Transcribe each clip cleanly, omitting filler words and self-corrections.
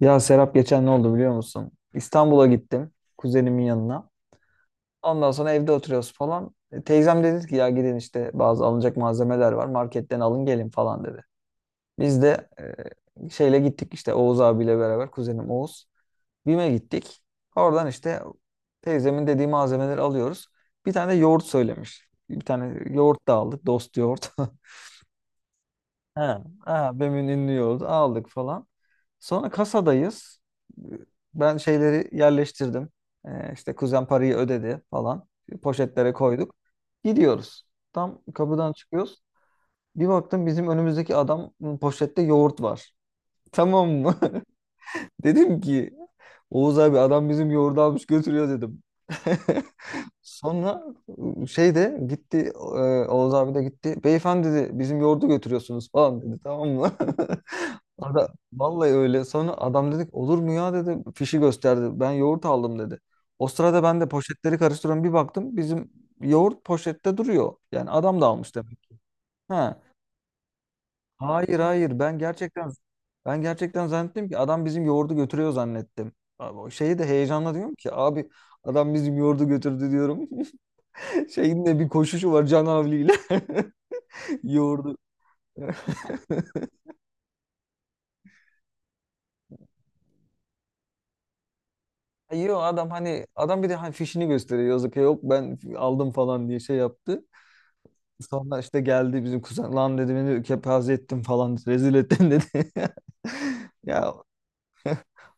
Ya Serap geçen ne oldu biliyor musun? İstanbul'a gittim kuzenimin yanına. Ondan sonra evde oturuyoruz falan. Teyzem dedi ki ya gidin işte bazı alınacak malzemeler var marketten alın gelin falan dedi. Biz de şeyle gittik işte Oğuz abiyle beraber kuzenim Oğuz. BİM'e gittik. Oradan işte teyzemin dediği malzemeleri alıyoruz. Bir tane de yoğurt söylemiş. Bir tane yoğurt da aldık dost yoğurt. He, he, BEM'in ünlü yolu aldık falan. Sonra kasadayız. Ben şeyleri yerleştirdim. İşte kuzen parayı ödedi falan. Poşetlere koyduk. Gidiyoruz. Tam kapıdan çıkıyoruz. Bir baktım bizim önümüzdeki adam poşette yoğurt var. Tamam mı? Dedim ki Oğuz abi adam bizim yoğurdu almış götürüyor dedim. Sonra şey de gitti Oğuz abi de gitti. Beyefendi dedi bizim yoğurdu götürüyorsunuz falan dedi tamam mı? Ada, vallahi öyle. Sonra adam dedik olur mu ya dedi. Fişi gösterdi. Ben yoğurt aldım dedi. O sırada ben de poşetleri karıştırıyorum. Bir baktım bizim yoğurt poşette duruyor. Yani adam da almış demek ki. Ha. Hayır hayır ben gerçekten zannettim ki adam bizim yoğurdu götürüyor zannettim. Abi, o şeyi de heyecanla diyorum ki abi adam bizim yoğurdu götürdü diyorum. Şeyin de bir koşuşu var Can Havli'yle. Yoğurdu. Yo adam hani adam bir de hani fişini gösteriyor yazık ya, yok ben aldım falan diye şey yaptı. Sonra işte geldi bizim kuzen lan dedi beni kepaze ettin falan rezil ettin dedi. Ya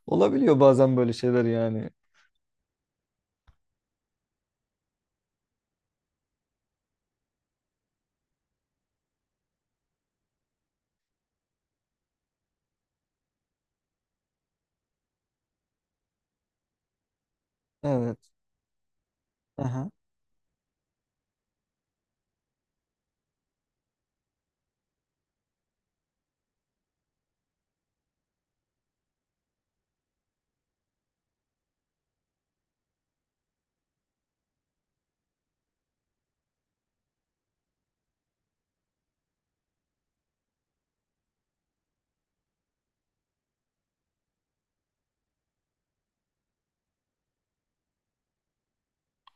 olabiliyor bazen böyle şeyler yani. Evet. Aha.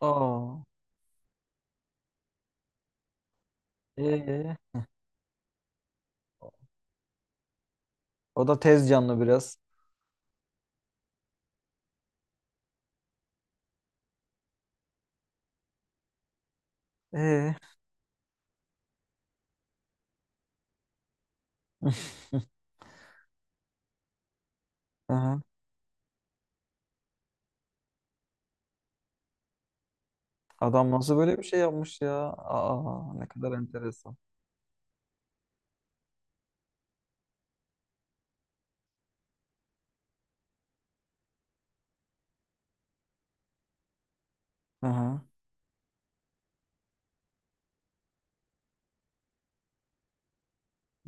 Aa. Ee, O da tez canlı biraz. Ee. Aha. Adam nasıl böyle bir şey yapmış ya? Aa, ne kadar enteresan. Aha,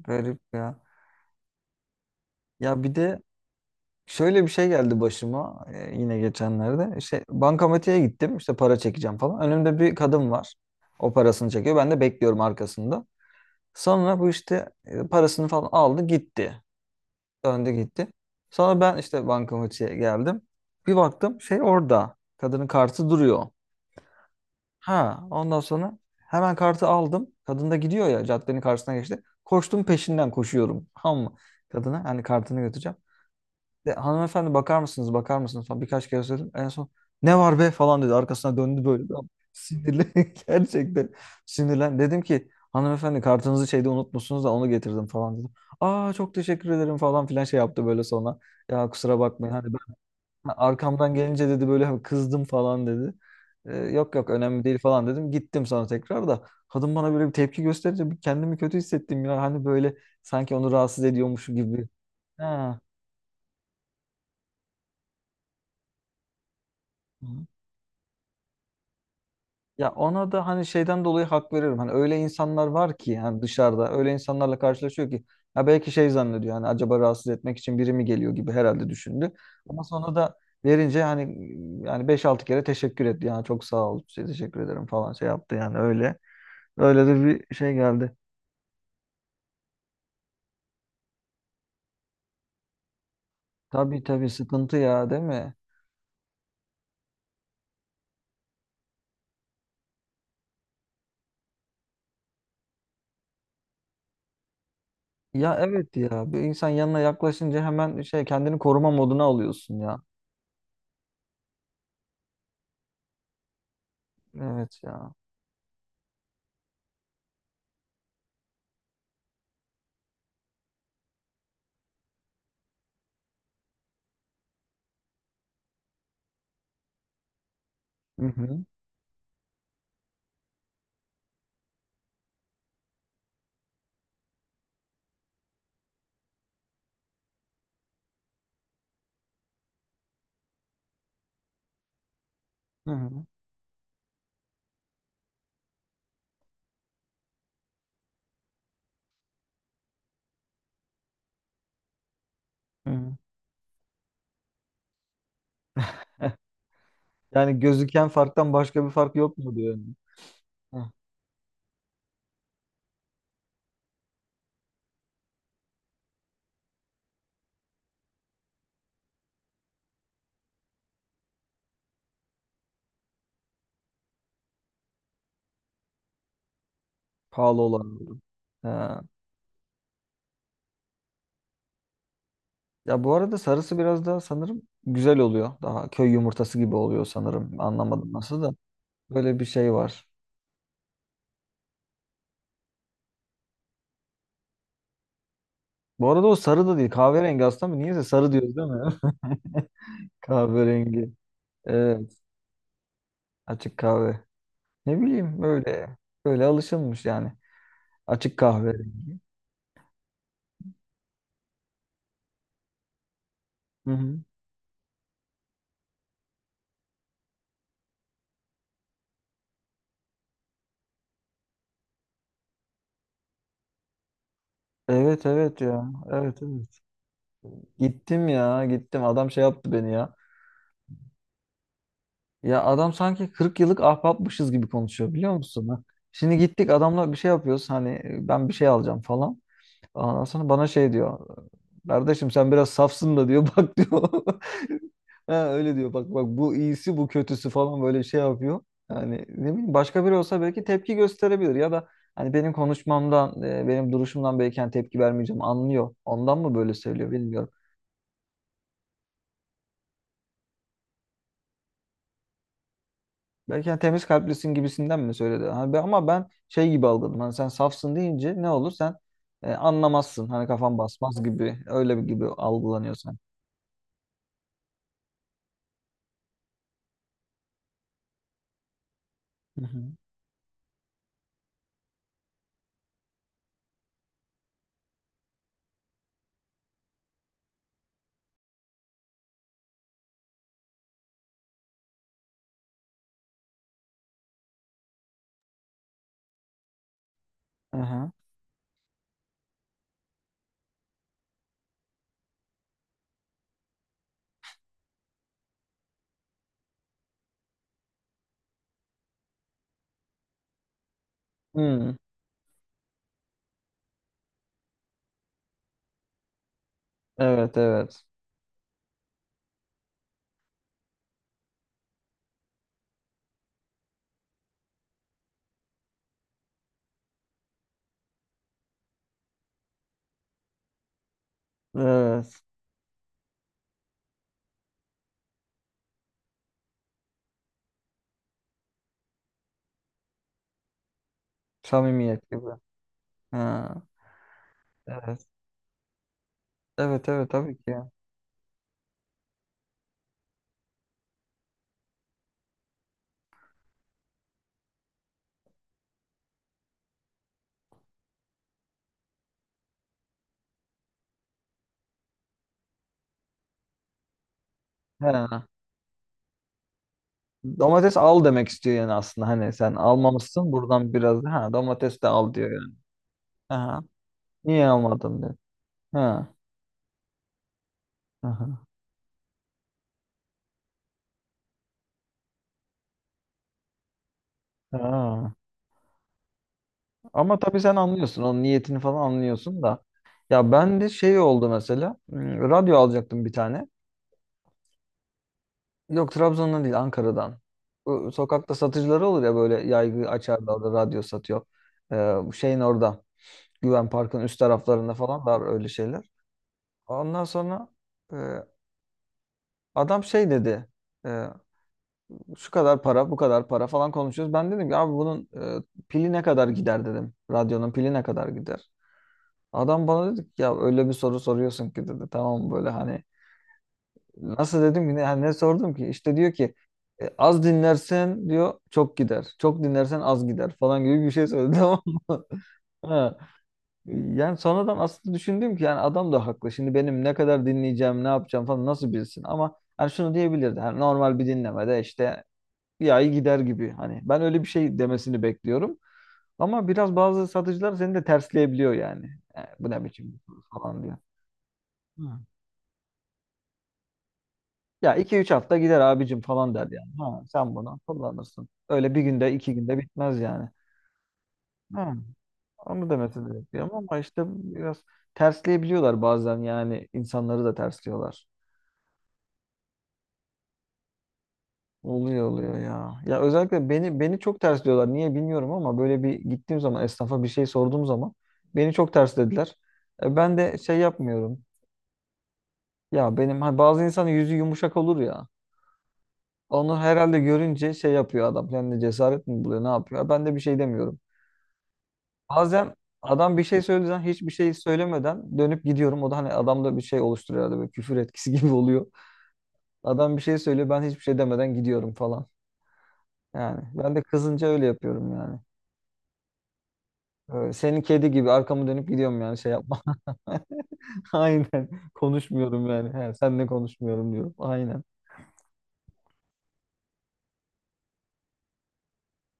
garip ya. Ya bir de şöyle bir şey geldi başıma yine geçenlerde. İşte bankamatiğe gittim işte para çekeceğim falan. Önümde bir kadın var. O parasını çekiyor. Ben de bekliyorum arkasında. Sonra bu işte parasını falan aldı gitti. Döndü gitti. Sonra ben işte bankamatiğe geldim. Bir baktım şey orada. Kadının kartı duruyor. Ha, ondan sonra hemen kartı aldım. Kadın da gidiyor ya caddenin karşısına geçti. Koştum peşinden koşuyorum. Ama kadına hani kartını götüreceğim. Hanımefendi bakar mısınız bakar mısınız falan birkaç kere söyledim. En son ne var be falan dedi. Arkasına döndü böyle. Tam sinirli gerçekten sinirlen. Dedim ki hanımefendi kartınızı şeyde unutmuşsunuz da onu getirdim falan dedim. Aa çok teşekkür ederim falan filan şey yaptı böyle sonra. Ya kusura bakmayın hani. Ha, arkamdan gelince dedi böyle hani kızdım falan dedi. Yok yok önemli değil falan dedim. Gittim sonra tekrar da kadın bana böyle bir tepki gösterince bir kendimi kötü hissettim ya. Hani böyle sanki onu rahatsız ediyormuş gibi. Ha. Hı. Ya ona da hani şeyden dolayı hak veriyorum. Hani öyle insanlar var ki hani dışarıda öyle insanlarla karşılaşıyor ki ya belki şey zannediyor hani acaba rahatsız etmek için biri mi geliyor gibi herhalde düşündü. Ama sonra da verince hani yani beş altı kere teşekkür etti. Yani çok sağ ol, şey, teşekkür ederim falan şey yaptı yani öyle. Öyle de bir şey geldi. Tabii tabii sıkıntı ya değil mi? Ya evet ya bir insan yanına yaklaşınca hemen şey kendini koruma moduna alıyorsun ya. Evet ya. Hı hı. Hı hı. Hı hı. Yani gözüken farktan başka bir fark yok mu diyor. Heh, pahalı olan. Ha. Ya bu arada sarısı biraz daha sanırım güzel oluyor. Daha köy yumurtası gibi oluyor sanırım. Anlamadım nasıl da. Böyle bir şey var. Bu arada o sarı da değil. Kahverengi aslında mı? Niyeyse sarı diyoruz değil mi? Kahverengi. Evet. Açık kahve. Ne bileyim böyle. Böyle alışılmış yani. Açık kahve. Hı hı. Evet evet ya. Evet evet. Gittim ya gittim. Adam şey yaptı beni ya. Ya adam sanki 40 yıllık ahbapmışız gibi konuşuyor biliyor musun? Ha. Şimdi gittik adamla bir şey yapıyoruz. Hani ben bir şey alacağım falan. Ondan sonra bana şey diyor. Kardeşim sen biraz safsın da diyor. Bak diyor. Ha, öyle diyor. Bak bak bu iyisi bu kötüsü falan böyle şey yapıyor. Yani ne bileyim başka biri olsa belki tepki gösterebilir ya da hani benim konuşmamdan, benim duruşumdan belki hani tepki vermeyeceğim anlıyor. Ondan mı böyle söylüyor bilmiyorum. Belki hani temiz kalplisin gibisinden mi söyledi? Hani ben, ama ben şey gibi algıladım. Hani sen safsın deyince ne olur sen anlamazsın. Hani kafan basmaz gibi öyle bir gibi algılanıyorsun. Hı hı. Aha. Hmm. Evet evet. Evet. Samimiyet gibi. Ha. Evet. Evet evet tabii ki. Ha. Domates al demek istiyor yani aslında. Hani sen almamışsın buradan biraz ha domates de al diyor yani. Aha. Niye almadın diyor. Ha. Aha. Ha. Ama tabii sen anlıyorsun. Onun niyetini falan anlıyorsun da. Ya ben de şey oldu mesela. Radyo alacaktım bir tane. Yok Trabzon'dan değil Ankara'dan. Bu sokakta satıcıları olur ya böyle yaygı açarlar da radyo satıyor. Ee, Bu şeyin orada. Güven Park'ın üst taraflarında falan var öyle şeyler. Ondan sonra e, adam şey dedi. e, Şu kadar para, bu kadar para falan konuşuyoruz. Ben dedim ki abi bunun pili ne kadar gider dedim. Radyonun pili ne kadar gider? Adam bana dedi ki ya öyle bir soru soruyorsun ki dedi. Tamam böyle hani nasıl dedim ki ne, yani ne sordum ki? İşte diyor ki Az dinlersen diyor çok gider. Çok dinlersen az gider falan gibi bir şey söyledi tamam mı? Ha. Yani sonradan aslında düşündüm ki yani adam da haklı. Şimdi benim ne kadar dinleyeceğim, ne yapacağım falan nasıl bilsin? Ama hani şunu diyebilirdi. Hani normal bir dinlemede işte bir ay gider gibi. Hani ben öyle bir şey demesini bekliyorum. Ama biraz bazı satıcılar seni de tersleyebiliyor yani. E, bu ne biçim bir soru falan diyor. Hı. Ya iki üç hafta gider abicim falan der yani. Ha, sen bunu kullanırsın. Öyle bir günde iki günde bitmez yani. Ha. Onu demesi de bekliyorum ama işte biraz tersleyebiliyorlar bazen yani insanları da tersliyorlar. Oluyor oluyor ya. Ya özellikle beni çok ters diyorlar. Niye bilmiyorum ama böyle bir gittiğim zaman esnafa bir şey sorduğum zaman beni çok ters dediler. E, ben de şey yapmıyorum. Ya benim hani bazı insanın yüzü yumuşak olur ya. Onu herhalde görünce şey yapıyor adam. Kendine cesaret mi buluyor, ne yapıyor? Ben de bir şey demiyorum. Bazen adam bir şey söylediği zaman hiçbir şey söylemeden dönüp gidiyorum. O da hani adamda bir şey oluşturuyor herhalde böyle küfür etkisi gibi oluyor. Adam bir şey söylüyor ben hiçbir şey demeden gidiyorum falan. Yani ben de kızınca öyle yapıyorum yani. Senin kedi gibi arkamı dönüp gidiyorum yani şey yapma. Aynen. Konuşmuyorum yani. He, senle konuşmuyorum diyorum. Aynen.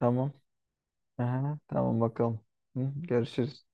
Tamam. Aha, tamam bakalım. Hı, görüşürüz.